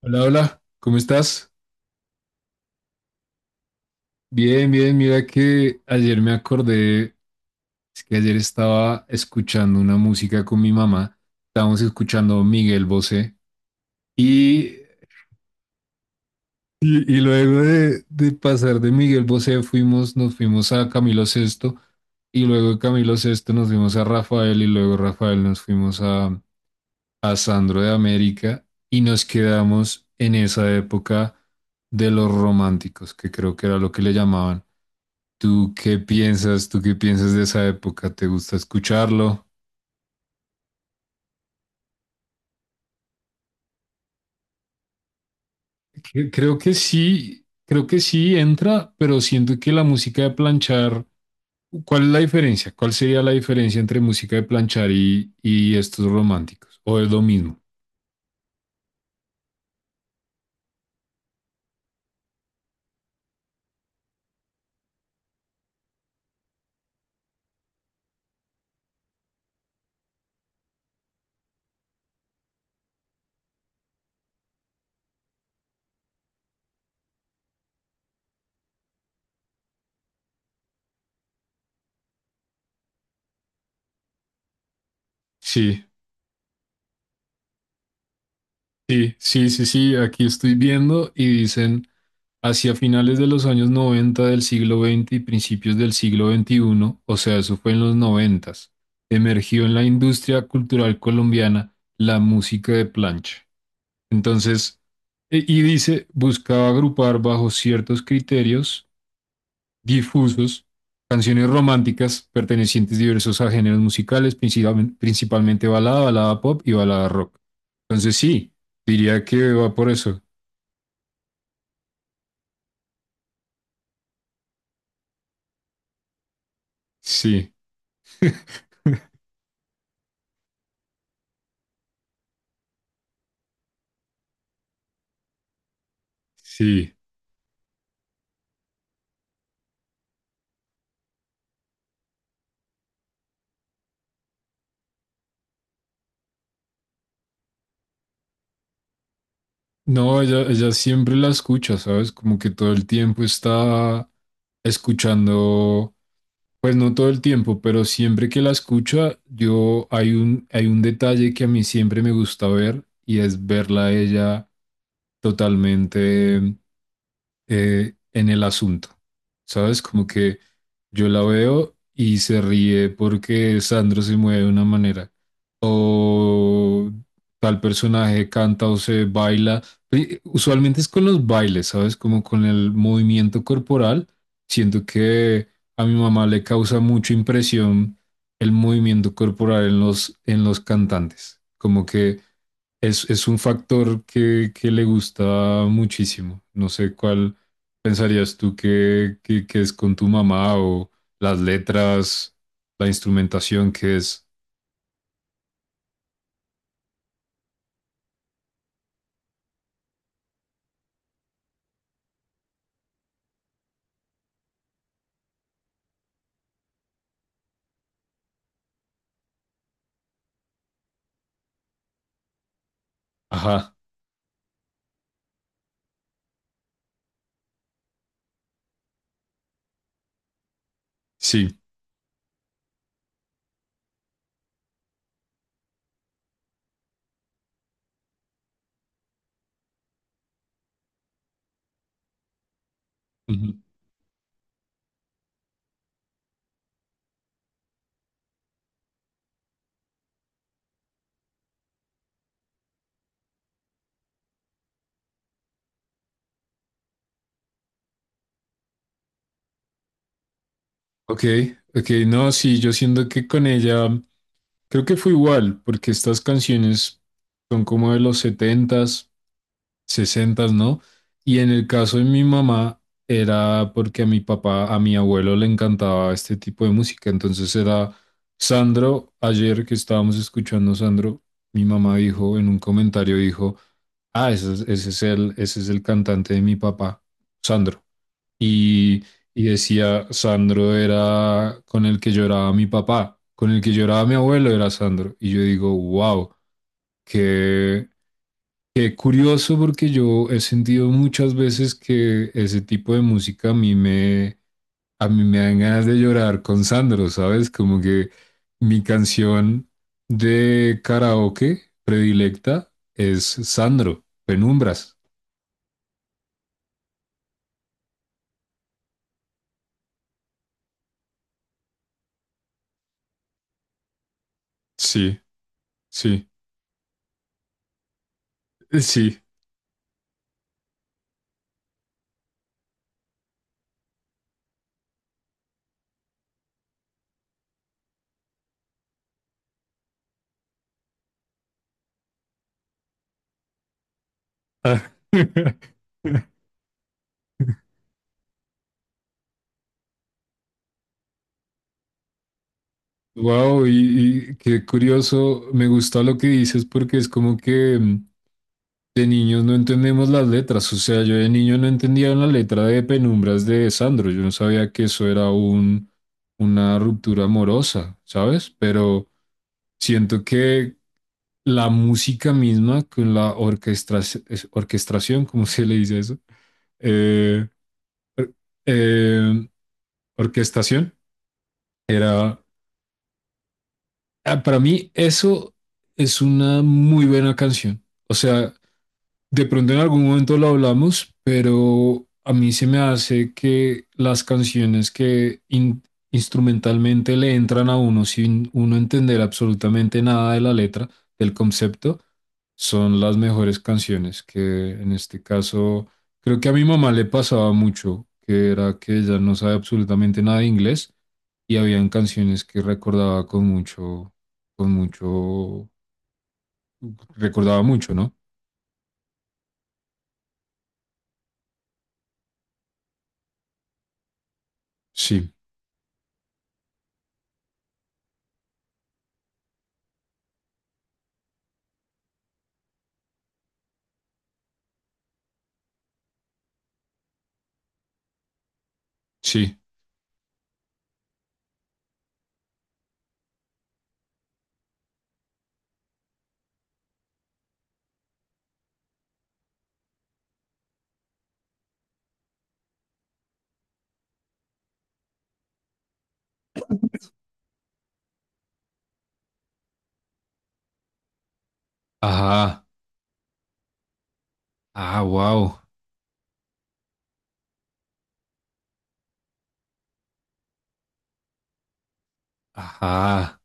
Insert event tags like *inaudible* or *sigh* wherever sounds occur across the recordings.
Hola, hola, ¿cómo estás? Bien, bien, mira que ayer me acordé, es que ayer estaba escuchando una música con mi mamá, estábamos escuchando Miguel Bosé y, y luego de pasar de Miguel Bosé nos fuimos a Camilo Sesto y luego de Camilo Sesto nos fuimos a Rafael y luego Rafael nos fuimos a Sandro de América y nos quedamos en esa época de los románticos, que creo que era lo que le llamaban. ¿Tú qué piensas? ¿Tú qué piensas de esa época? ¿Te gusta escucharlo? Creo que sí entra, pero siento que la música de planchar, ¿cuál es la diferencia? ¿Cuál sería la diferencia entre música de planchar y estos románticos? ¿O es lo mismo? Sí, sí, sí, sí, sí, aquí estoy viendo y dicen: Hacia finales de los años 90 del siglo XX y principios del siglo XXI, o sea, eso fue en los 90, emergió en la industria cultural colombiana la música de plancha. Entonces, y dice, buscaba agrupar bajo ciertos criterios difusos canciones románticas pertenecientes diversos a géneros musicales, principalmente balada, balada pop y balada rock. Entonces, sí, diría que va por eso. Sí, sí. No, ella siempre la escucha, ¿sabes? Como que todo el tiempo está escuchando, pues no todo el tiempo, pero siempre que la escucha, yo hay un detalle que a mí siempre me gusta ver y es verla a ella totalmente en el asunto, ¿sabes? Como que yo la veo y se ríe porque Sandro se mueve de una manera o tal personaje canta o se baila. Usualmente es con los bailes, ¿sabes? Como con el movimiento corporal. Siento que a mi mamá le causa mucha impresión el movimiento corporal en los cantantes. Como que es un factor que le gusta muchísimo. No sé cuál pensarías tú que es con tu mamá o las letras, la instrumentación que es. Ajá, sí. Ujú. Ok, ok, no, sí, yo siento que con ella creo que fue igual, porque estas canciones son como de los setentas, sesentas, ¿no? Y en el caso de mi mamá era porque a mi papá, a mi abuelo le encantaba este tipo de música, entonces era Sandro, ayer que estábamos escuchando Sandro, mi mamá dijo en un comentario, dijo, ah, ese es el cantante de mi papá, Sandro. Y, y decía, Sandro era con el que lloraba mi papá, con el que lloraba mi abuelo era Sandro. Y yo digo, wow, qué, qué curioso porque yo he sentido muchas veces que ese tipo de música a mí me dan ganas de llorar con Sandro, ¿sabes? Como que mi canción de karaoke predilecta es Sandro, Penumbras. Sí, sí, sí. *laughs* *laughs* Wow, y qué curioso, me gusta lo que dices porque es como que de niños no entendemos las letras, o sea, yo de niño no entendía una letra de Penumbras de Sandro, yo no sabía que eso era una ruptura amorosa, ¿sabes? Pero siento que la música misma con la orquestra, orquestación, ¿cómo se le dice eso? Eh, eh, Orquestación, era ah, para mí eso es una muy buena canción. O sea, de pronto en algún momento lo hablamos, pero a mí se me hace que las canciones que instrumentalmente le entran a uno sin uno entender absolutamente nada de la letra, del concepto, son las mejores canciones, que en este caso creo que a mi mamá le pasaba mucho, que era que ella no sabe absolutamente nada de inglés y habían canciones que recordaba con mucho, recordaba mucho, ¿no? Sí, sí. Ajá, ah, wow, ajá,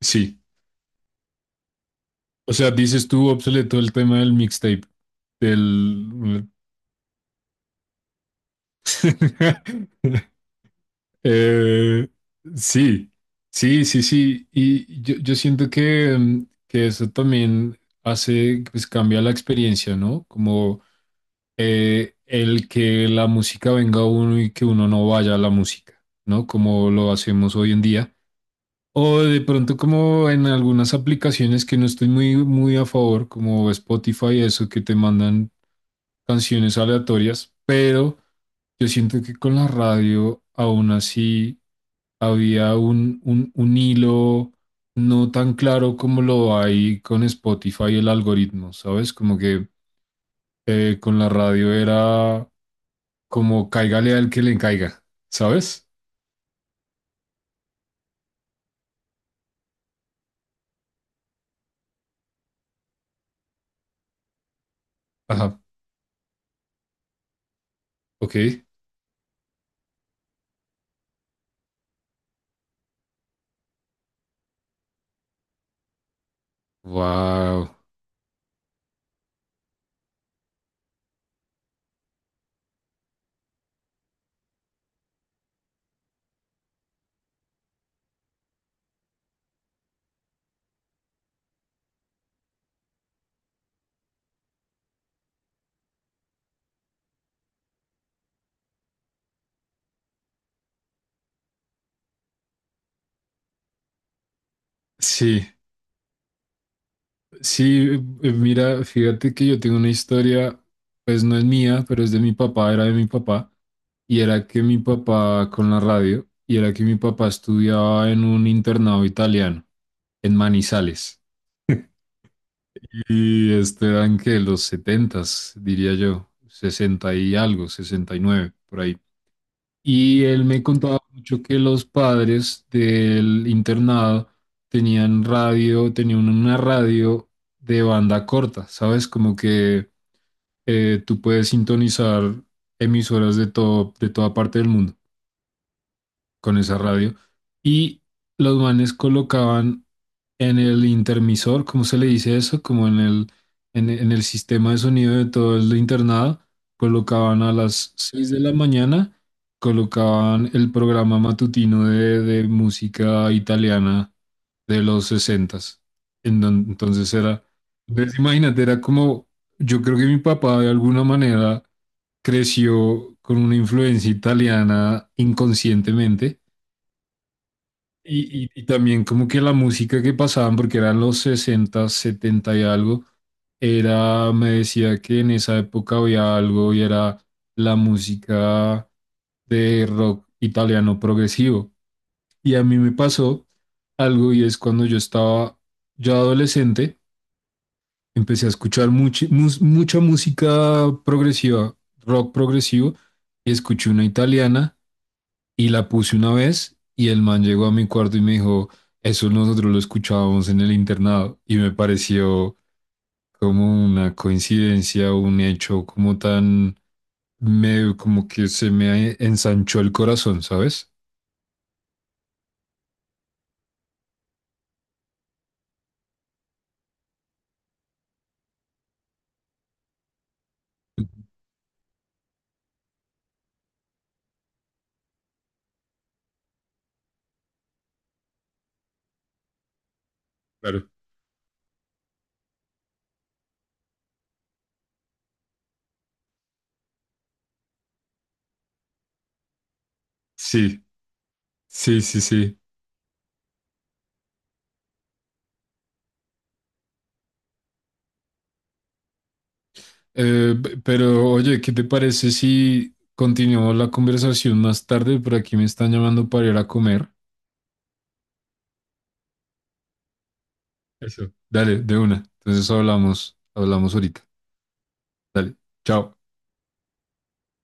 sí. O sea, dices tú obsoleto el tema del mixtape, del. *laughs* Eh, sí, sí, sí, sí. Y yo siento que eso también hace, pues cambia la experiencia, ¿no? Como el que la música venga a uno y que uno no vaya a la música, ¿no? Como lo hacemos hoy en día. O de pronto como en algunas aplicaciones que no estoy muy, muy a favor, como Spotify, eso que te mandan canciones aleatorias, pero yo siento que con la radio aún así había un hilo no tan claro como lo hay con Spotify el algoritmo, ¿sabes? Como que con la radio era como cáigale al que le caiga, ¿sabes? Ajá, ok. Wow. Sí, sí, mira, fíjate que yo tengo una historia, pues no es mía, pero es de mi papá, era de mi papá, y era que mi papá con la radio, y era que mi papá estudiaba en un internado italiano, en Manizales. Y este Esteban que los setentas diría yo, 60 y algo, 69 por ahí. Y él me contaba mucho que los padres del internado tenían radio, tenían una radio de banda corta, ¿sabes? Como que tú puedes sintonizar emisoras de todo, de toda parte del mundo con esa radio. Y los manes colocaban en el intermisor, ¿cómo se le dice eso? Como en en el sistema de sonido de todo el internado, colocaban a las 6 de la mañana, colocaban el programa matutino de música italiana de los 60. Entonces era, entonces imagínate, era como, yo creo que mi papá de alguna manera creció con una influencia italiana inconscientemente y también como que la música que pasaban, porque eran los 60 70 y algo, era, me decía que en esa época había algo y era la música de rock italiano progresivo. Y a mí me pasó algo y es cuando yo estaba ya adolescente, empecé a escuchar mucha música progresiva, rock progresivo, y escuché una italiana y la puse una vez y el man llegó a mi cuarto y me dijo, eso nosotros lo escuchábamos en el internado y me pareció como una coincidencia, un hecho como tan, como que se me ensanchó el corazón, ¿sabes? Claro. Sí, sí, sí, sí. Pero oye, ¿qué te parece si continuamos la conversación más tarde? Por aquí me están llamando para ir a comer. Eso. Dale, de una. Entonces hablamos, hablamos ahorita. Dale, chao.